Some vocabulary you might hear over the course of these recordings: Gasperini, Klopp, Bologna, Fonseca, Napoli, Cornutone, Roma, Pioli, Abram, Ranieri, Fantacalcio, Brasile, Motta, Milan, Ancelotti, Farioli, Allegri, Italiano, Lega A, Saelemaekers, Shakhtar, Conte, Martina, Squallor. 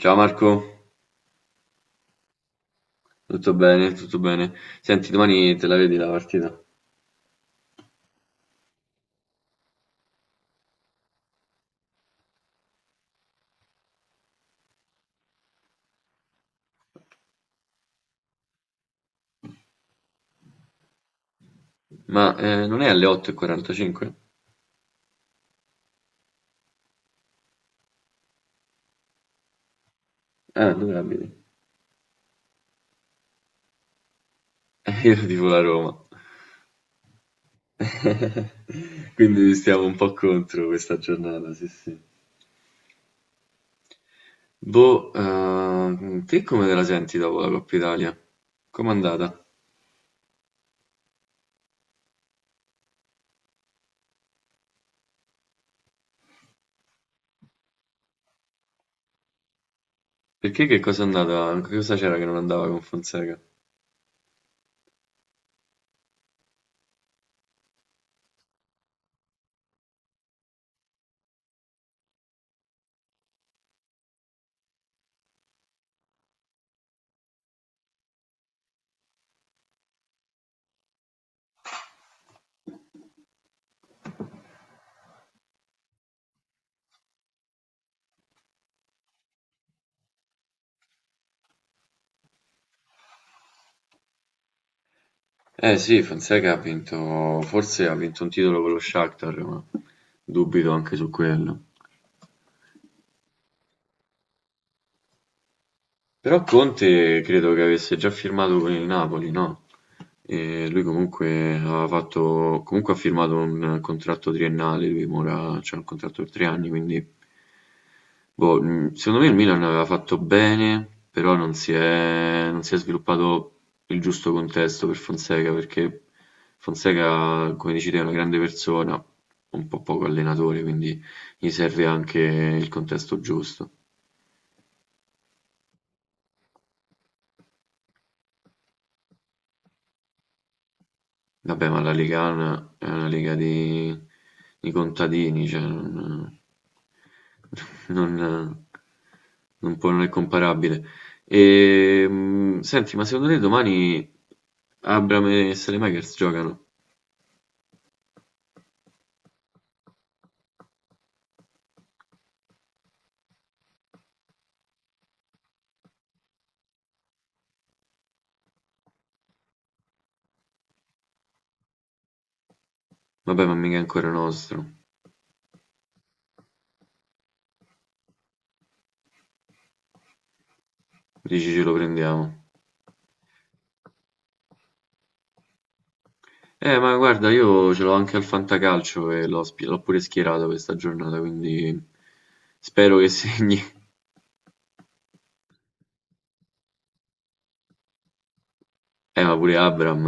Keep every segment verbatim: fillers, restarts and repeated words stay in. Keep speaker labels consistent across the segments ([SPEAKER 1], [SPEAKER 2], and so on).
[SPEAKER 1] Ciao Marco, tutto bene, tutto bene. Senti, domani te la vedi la partita? Ma eh, non è alle otto e quarantacinque? Ah, dove la vedi? Eh, io tifo la Roma, quindi stiamo un po' contro questa giornata, sì sì. Boh, eh, te come te la senti dopo la Coppa Italia? Com'è andata? Perché che cosa è andata? Che cosa c'era che non andava con Fonseca? Eh sì, Fonseca ha vinto, forse ha vinto un titolo con lo Shakhtar, ma dubito anche su quello. Però Conte credo che avesse già firmato con il Napoli, no? E lui comunque aveva fatto, comunque ha firmato un contratto triennale, lui ora c'ha un contratto per tre anni, quindi boh, mh, secondo me il Milan aveva fatto bene, però non si è, non si è sviluppato il giusto contesto per Fonseca, perché Fonseca, come dici te, è una grande persona, un po' poco allenatore, quindi gli serve anche il contesto giusto. Vabbè, ma la Lega A è una lega di, di contadini, cioè non, non, non può, non è comparabile. E, mh, senti, ma secondo te domani Abram e Saelemaekers giocano? Vabbè, ma mica è ancora nostro. Dici ce lo prendiamo. Eh, ma guarda, io ce l'ho anche al Fantacalcio e l'ho spi- l'ho pure schierato questa giornata, quindi spero che segni. Eh, ma pure Abram...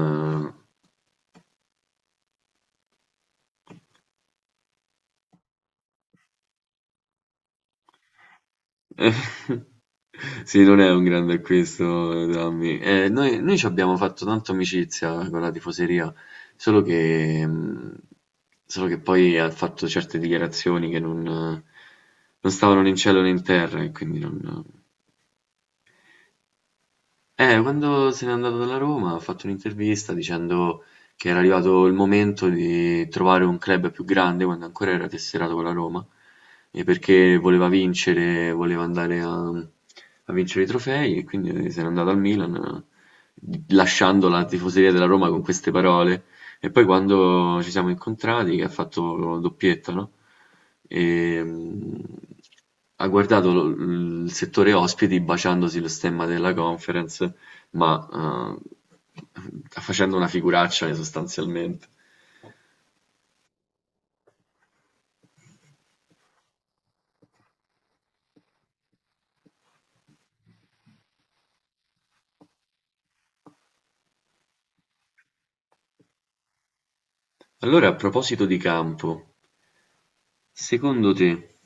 [SPEAKER 1] eh, Sì, non è un grande acquisto, Dammi. Eh, noi, noi ci abbiamo fatto tanta amicizia con la tifoseria, solo che, mh, solo che poi ha fatto certe dichiarazioni che non, non stavano né in cielo né in terra, e quindi non, eh, quando se n'è andato dalla Roma ha fatto un'intervista dicendo che era arrivato il momento di trovare un club più grande quando ancora era tesserato con la Roma, e perché voleva vincere, voleva andare a, a vincere i trofei e quindi se n'è andato al Milan, eh, lasciando la tifoseria della Roma con queste parole e poi quando ci siamo incontrati, che ha fatto doppietta, no? Ehm, ha guardato lo- il settore ospiti baciandosi lo stemma della conference, ma eh, facendo una figuraccia eh, sostanzialmente. Allora, a proposito di campo, secondo te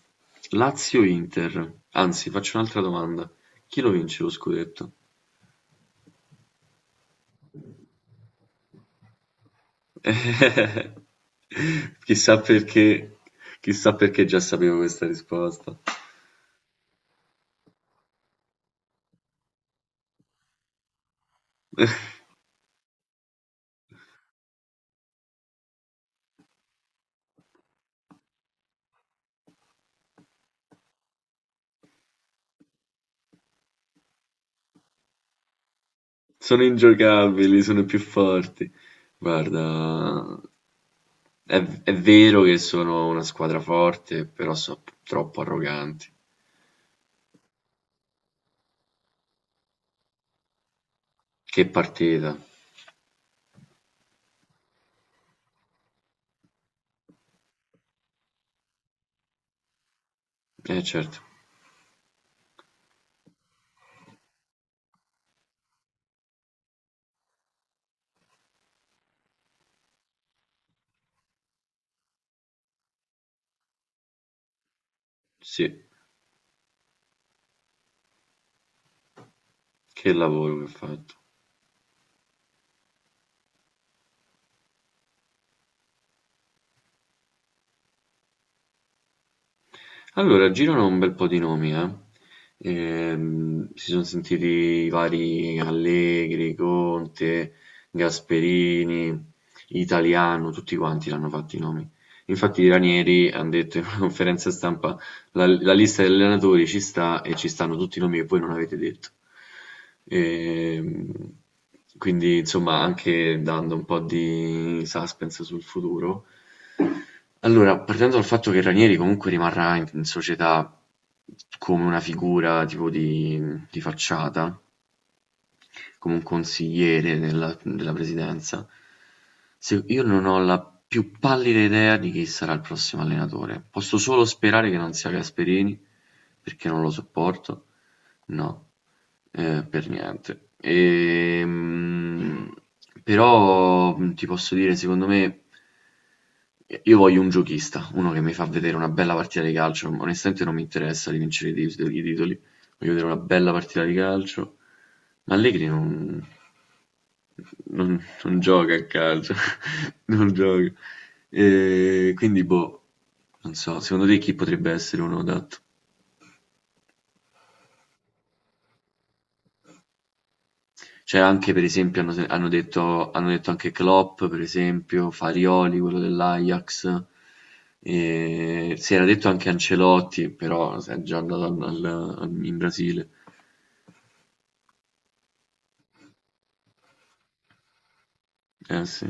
[SPEAKER 1] Lazio-Inter, anzi, faccio un'altra domanda, chi lo vince lo scudetto? Chissà perché, chissà perché già sapevo questa risposta. Sono ingiocabili, sono più forti. Guarda, è, è vero che sono una squadra forte, però sono troppo arroganti. Che partita. Eh certo, sì, che lavoro che ho fatto. Allora, girano un bel po' di nomi, eh. Ehm, si sono sentiti i vari Allegri, Conte, Gasperini, Italiano, tutti quanti l'hanno fatti i nomi. Infatti i Ranieri hanno detto in una conferenza stampa la, la lista degli allenatori ci sta e ci stanno tutti i nomi che voi non avete detto. Ehm, quindi, insomma, anche dando un po' di suspense sul futuro, allora, partendo dal fatto che Ranieri comunque rimarrà in in società come una figura tipo di, di facciata, come un consigliere della della presidenza, se- io non ho la più pallida idea di chi sarà il prossimo allenatore. Posso solo sperare che non sia Gasperini, perché non lo sopporto. No, eh, per niente. Ehm, però mh, ti posso dire, secondo me, io voglio un giochista, uno che mi fa vedere una bella partita di calcio. Onestamente non mi interessa di vincere i tit- i titoli voglio vedere una bella partita di calcio. Allegri non, non- non gioca a calcio, non gioca. E quindi, boh, non so, secondo te chi potrebbe essere uno adatto? Cioè, anche per esempio, hanno, hanno detto, hanno detto anche Klopp, per esempio, Farioli, quello dell'Ajax. E si era detto anche Ancelotti, però è già andato al- al- in Brasile. Eh sì.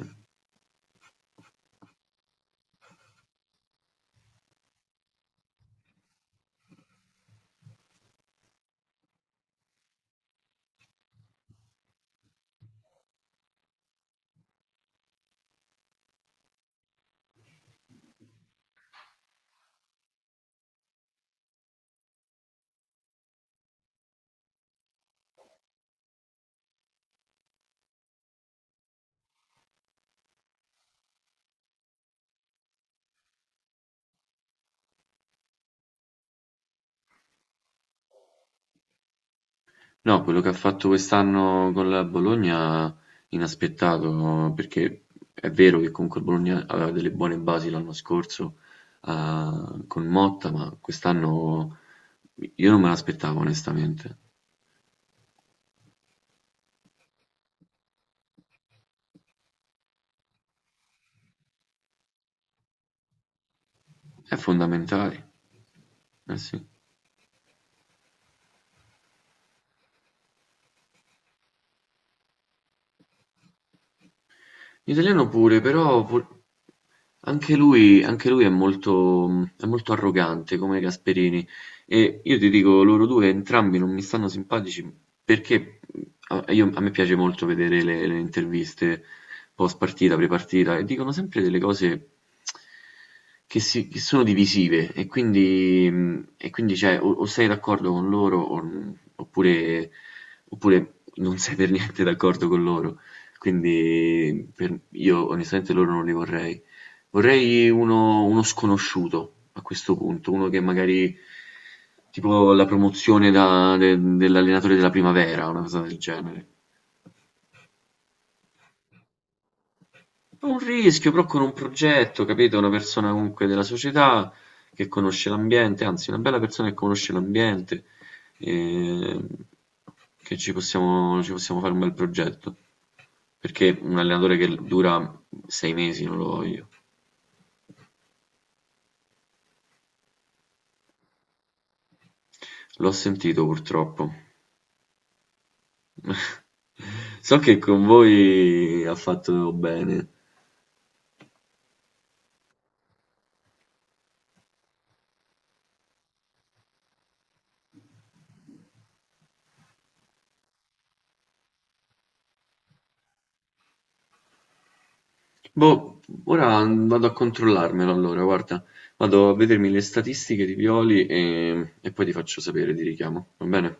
[SPEAKER 1] No, quello che ha fatto quest'anno con la Bologna inaspettato, perché è vero che comunque il Bologna aveva delle buone basi l'anno scorso ah, con Motta, ma quest'anno io non me l'aspettavo onestamente. È fondamentale, eh sì. L'italiano pure, però po- anche lui, anche lui è molto, è molto arrogante come Gasperini e io ti dico, loro due entrambi non mi stanno simpatici perché a, io- a me piace molto vedere le, le interviste post partita, pre partita e dicono sempre delle cose che, si- che sono divisive e quindi, mh, e quindi, cioè, o, o sei d'accordo con loro o- oppure, oppure non sei per niente d'accordo con loro. Quindi per- io onestamente loro non li vorrei. Vorrei uno, uno sconosciuto a questo punto, uno che magari tipo la promozione da- de- dell'allenatore della primavera, una cosa del genere. Un rischio, però con un progetto, capito? Una persona comunque della società che conosce l'ambiente, anzi, una bella persona che conosce l'ambiente, ehm, che ci possiamo, ci possiamo fare un bel progetto. Perché un allenatore che dura sei mesi non lo voglio. L'ho sentito purtroppo. So che con voi ha fatto bene. Boh, ora vado a controllarmelo allora, guarda. Vado a vedermi le statistiche di Pioli e, e poi ti faccio sapere, ti richiamo, va bene?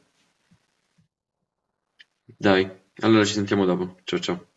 [SPEAKER 1] Dai, allora ci sentiamo dopo. Ciao ciao.